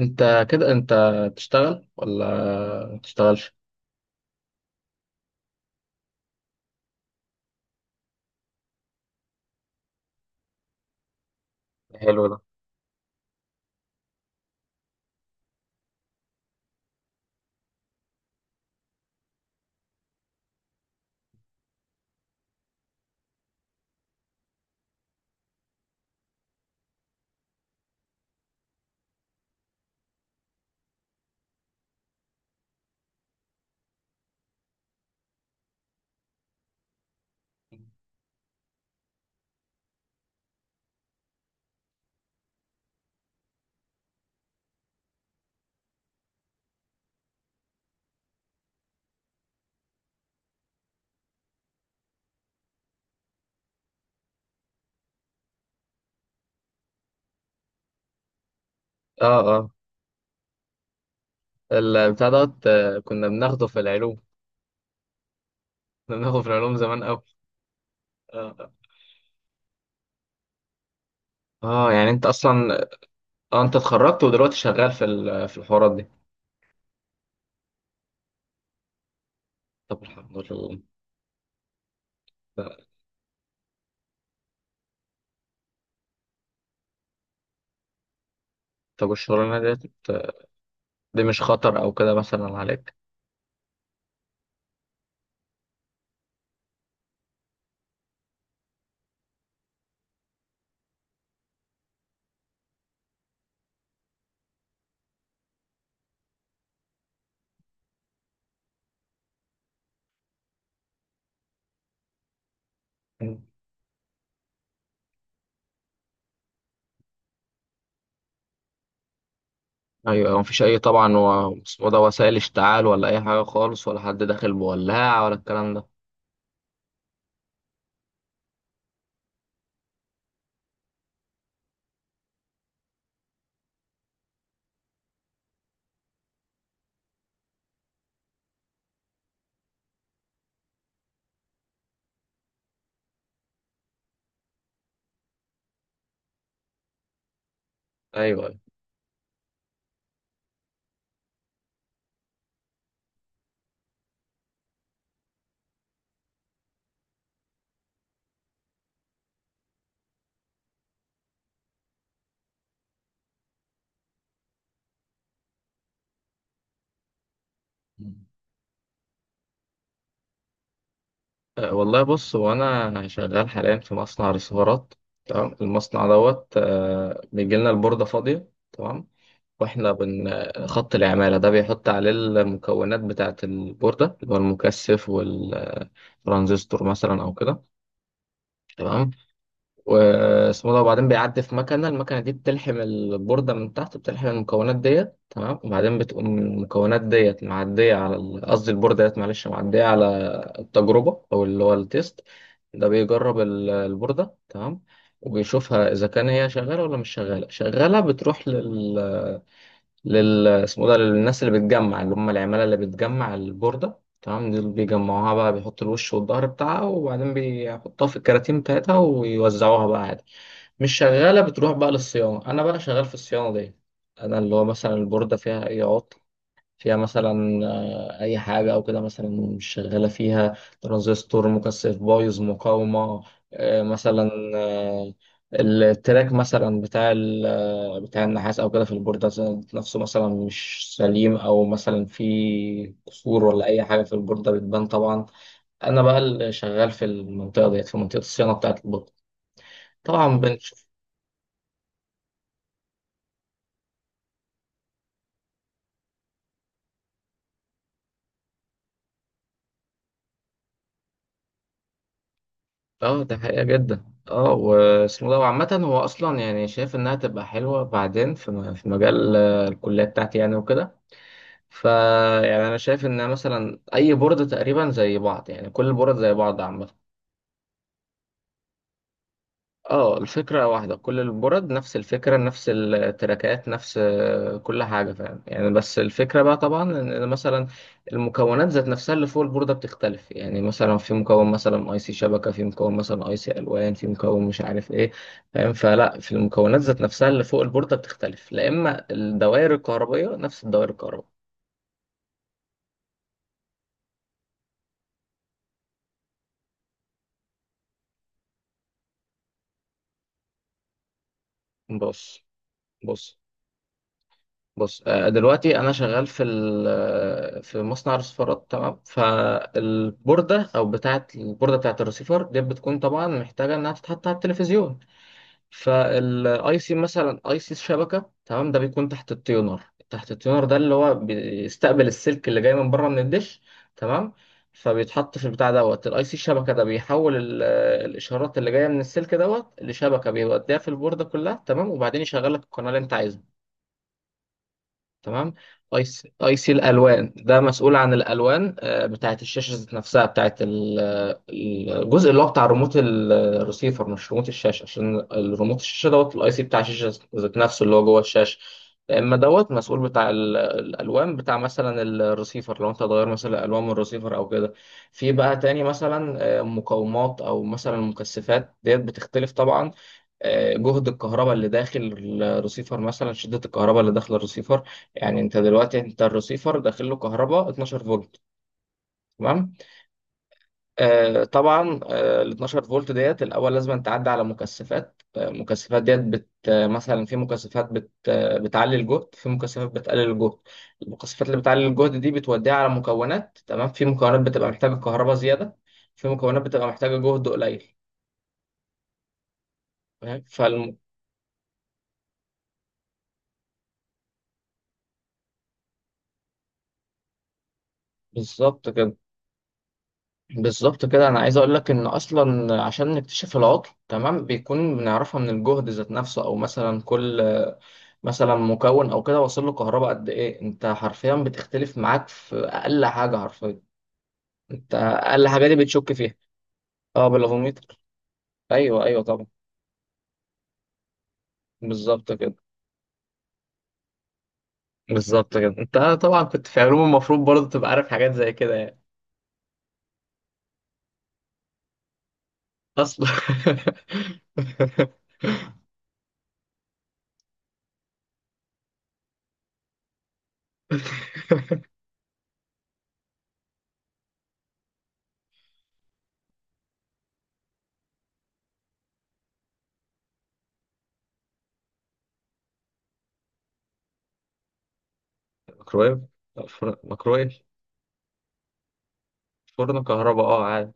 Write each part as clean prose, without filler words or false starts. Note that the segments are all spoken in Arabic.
انت كده انت تشتغل ولا ما تشتغلش؟ حلو ده. اه، اه. البتاع دوت، كنا بناخده في العلوم كنا بناخده في العلوم زمان قوي. اه. يعني انت اصلا. اه، انت اتخرجت ودلوقتي شغال في الحوارات دي. طب، الحمد لله. طب، والشغلانه دي مش خطر او كده مثلا عليك؟ ايوه، مفيش اي طبعا، اسمه ده وسائل اشتعال ولا اي حاجه خالص، ولا حد داخل بولاعه ولا الكلام ده. ايوه، أيوة. والله بص، هو انا شغال حاليا في مصنع ريسيفرات. تمام. المصنع دوت، بيجي لنا البورده فاضيه. تمام. واحنا بن خط العماله ده بيحط عليه المكونات بتاعه البورده اللي هو المكثف والترانزستور مثلا او كده. تمام. واسمه ده، وبعدين بيعدي في المكنه دي بتلحم البورده من تحت، بتلحم المكونات ديت. تمام. وبعدين بتقوم المكونات ديت معديه على قصدي البورده ديت، معلش، معديه على التجربه او اللي هو التيست. ده بيجرب البورده. تمام. وبيشوفها اذا كان هي شغاله ولا مش شغاله. شغاله بتروح لل اسمه ده للناس اللي بتجمع، اللي هم العماله اللي بتجمع البورده. تمام. دول بيجمعوها بقى، بيحطوا الوش والظهر بتاعها، وبعدين بيحطوها في الكراتين بتاعتها ويوزعوها بقى عادي. مش شغالة بتروح بقى للصيانة. أنا بقى شغال في الصيانة دي. أنا اللي هو مثلا البوردة فيها أي عطل، فيها مثلا آه، أي حاجة أو كده، مثلا مش شغالة فيها ترانزستور، مكثف بايظ، مقاومة مثلا التراك مثلا بتاع بتاع النحاس أو كده في البوردة، نفسه مثلا مش سليم، أو مثلا في كسور ولا أي حاجة في البوردة بتبان طبعا. أنا بقى اللي شغال في المنطقة ديت، في منطقة الصيانة بتاعة البوردة طبعا. اه، ده حقيقة جدا. اه، واسمه ده. وعامة هو أصلا يعني شايف إنها تبقى حلوة بعدين في مجال الكلية بتاعتي يعني وكده. فا يعني أنا شايف إن مثلا أي بورد تقريبا زي بعض، يعني كل البورد زي بعض عامة. اه، الفكرة واحدة، كل البرد نفس الفكرة، نفس التراكات، نفس كل حاجة، فاهم يعني. بس الفكرة بقى طبعا إن مثلا المكونات ذات نفسها اللي فوق البوردة بتختلف، يعني مثلا في مكون مثلا اي سي شبكة، في مكون مثلا اي سي الوان، في مكون مش عارف ايه، فاهم. فلا، في المكونات ذات نفسها اللي فوق البوردة بتختلف، لا اما الدوائر الكهربائية نفس الدوائر الكهربائية. بص، بص، بص، دلوقتي انا شغال في ال- آه، في مصنع رصفارات. تمام. فالبورده او بتاعه البورده بتاعه الرسيفر دي بتكون طبعا محتاجه انها تتحط على التلفزيون. فالاي سي مثلا اي سي الشبكه، تمام، ده بيكون تحت التيونر. تحت التيونر ده اللي هو بيستقبل السلك اللي جاي من بره من الدش. تمام. فبيتحط في البتاع دوت، الاي سي الشبكه ده بيحول الاشارات اللي جايه من السلك دوت لشبكه، بيوديها في البورده كلها. تمام. وبعدين يشغل لك القناه اللي انت عايزها. تمام. اي سي الالوان ده مسؤول عن الالوان بتاعه الشاشه ذات نفسها، بتاعه الجزء اللي هو بتاع ريموت الريسيفر، مش ريموت الشاشه، عشان الريموت الشاشه دوت الاي سي بتاع الشاشه ذات نفسه اللي هو جوه الشاشه. اما دوت مسؤول بتاع الالوان بتاع مثلا الريسيفر، لو انت هتغير مثلا الالوان من الريسيفر او كده. في بقى تاني مثلا مقاومات او مثلا مكثفات ديت بتختلف طبعا. جهد الكهرباء اللي داخل الريسيفر، مثلا شدة الكهرباء اللي داخل الريسيفر. يعني انت دلوقتي الريسيفر داخل له كهرباء 12 فولت. تمام. طبعا، ال 12 فولت ديت الاول لازم تعدي على مكثفات ديت بت آه، مثلا في مكثفات بت آه بتعلي الجهد، في مكثفات بتقلل الجهد. المكثفات اللي بتعلي الجهد دي بتوديها على مكونات. تمام. في مكونات بتبقى محتاجة كهرباء زيادة، في مكونات بتبقى محتاجة جهد قليل، فاهم. بالظبط كده. بالظبط كده، انا عايز اقول لك ان اصلا عشان نكتشف العطل، تمام، بيكون بنعرفها من الجهد ذات نفسه، او مثلا كل مثلا مكون او كده واصل له كهرباء قد ايه، انت حرفيا بتختلف معاك في اقل حاجه، حرفيا انت اقل حاجه دي بتشك فيها. اه، بالافوميتر. ايوه، ايوه، طبعا. بالظبط كده. بالظبط كده، انت طبعا كنت في علوم، المفروض برضه تبقى عارف حاجات زي كده يعني. اصلا ميكرويف. ميكرويف. فرن كهرباء، اه، عادي.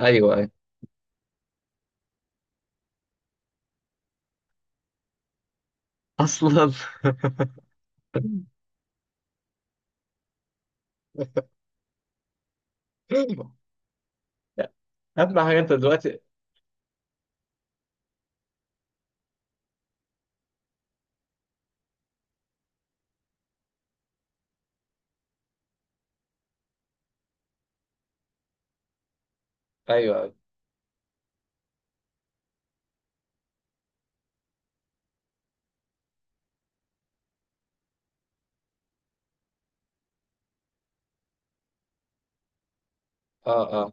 ايوه، أيوه. اصلا اهم حاجه انت دلوقتي. ايوه، ايوه. اه، اه،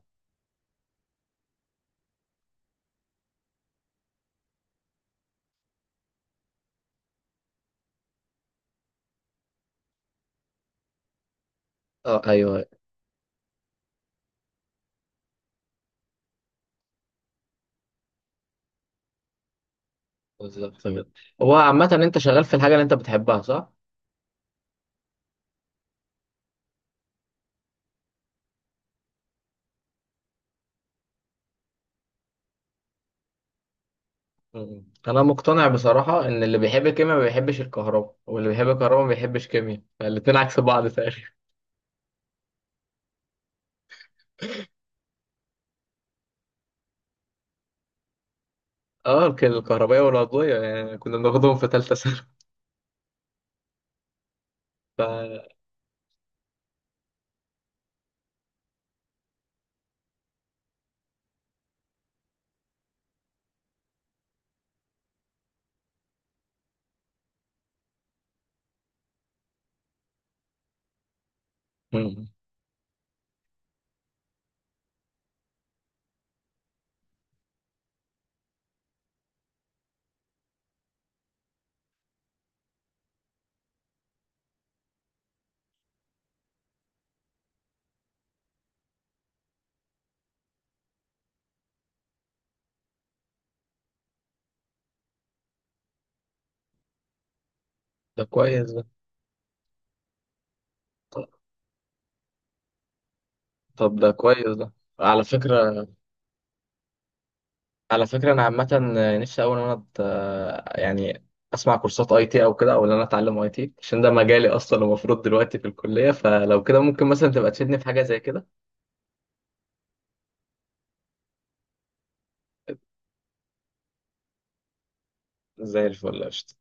اه، ايوه. بالظبط، تمام. هو عامة انت شغال في الحاجة اللي انت بتحبها، صح؟ م- انا مقتنع بصراحة ان اللي بيحب الكيمياء ما بيحبش الكهرباء، واللي بيحب الكهرباء ما بيحبش كيمياء، الاتنين عكس بعض تقريبا اه، الكهربائية والعضوية، يعني كنا بناخدهم في تالتة ثانوي. ف م- ده كويس ده. طب طب ده كويس ده. على فكرة على فكرة أنا عامة نفسي أوي إن أنا يعني أسمع كورسات أي تي أو كده، أو إن أنا أتعلم أي تي، عشان ده مجالي أصلا المفروض دلوقتي في الكلية. فلو كده ممكن مثلا تبقى تفيدني في حاجة زي كده. زي الفل، قشطة.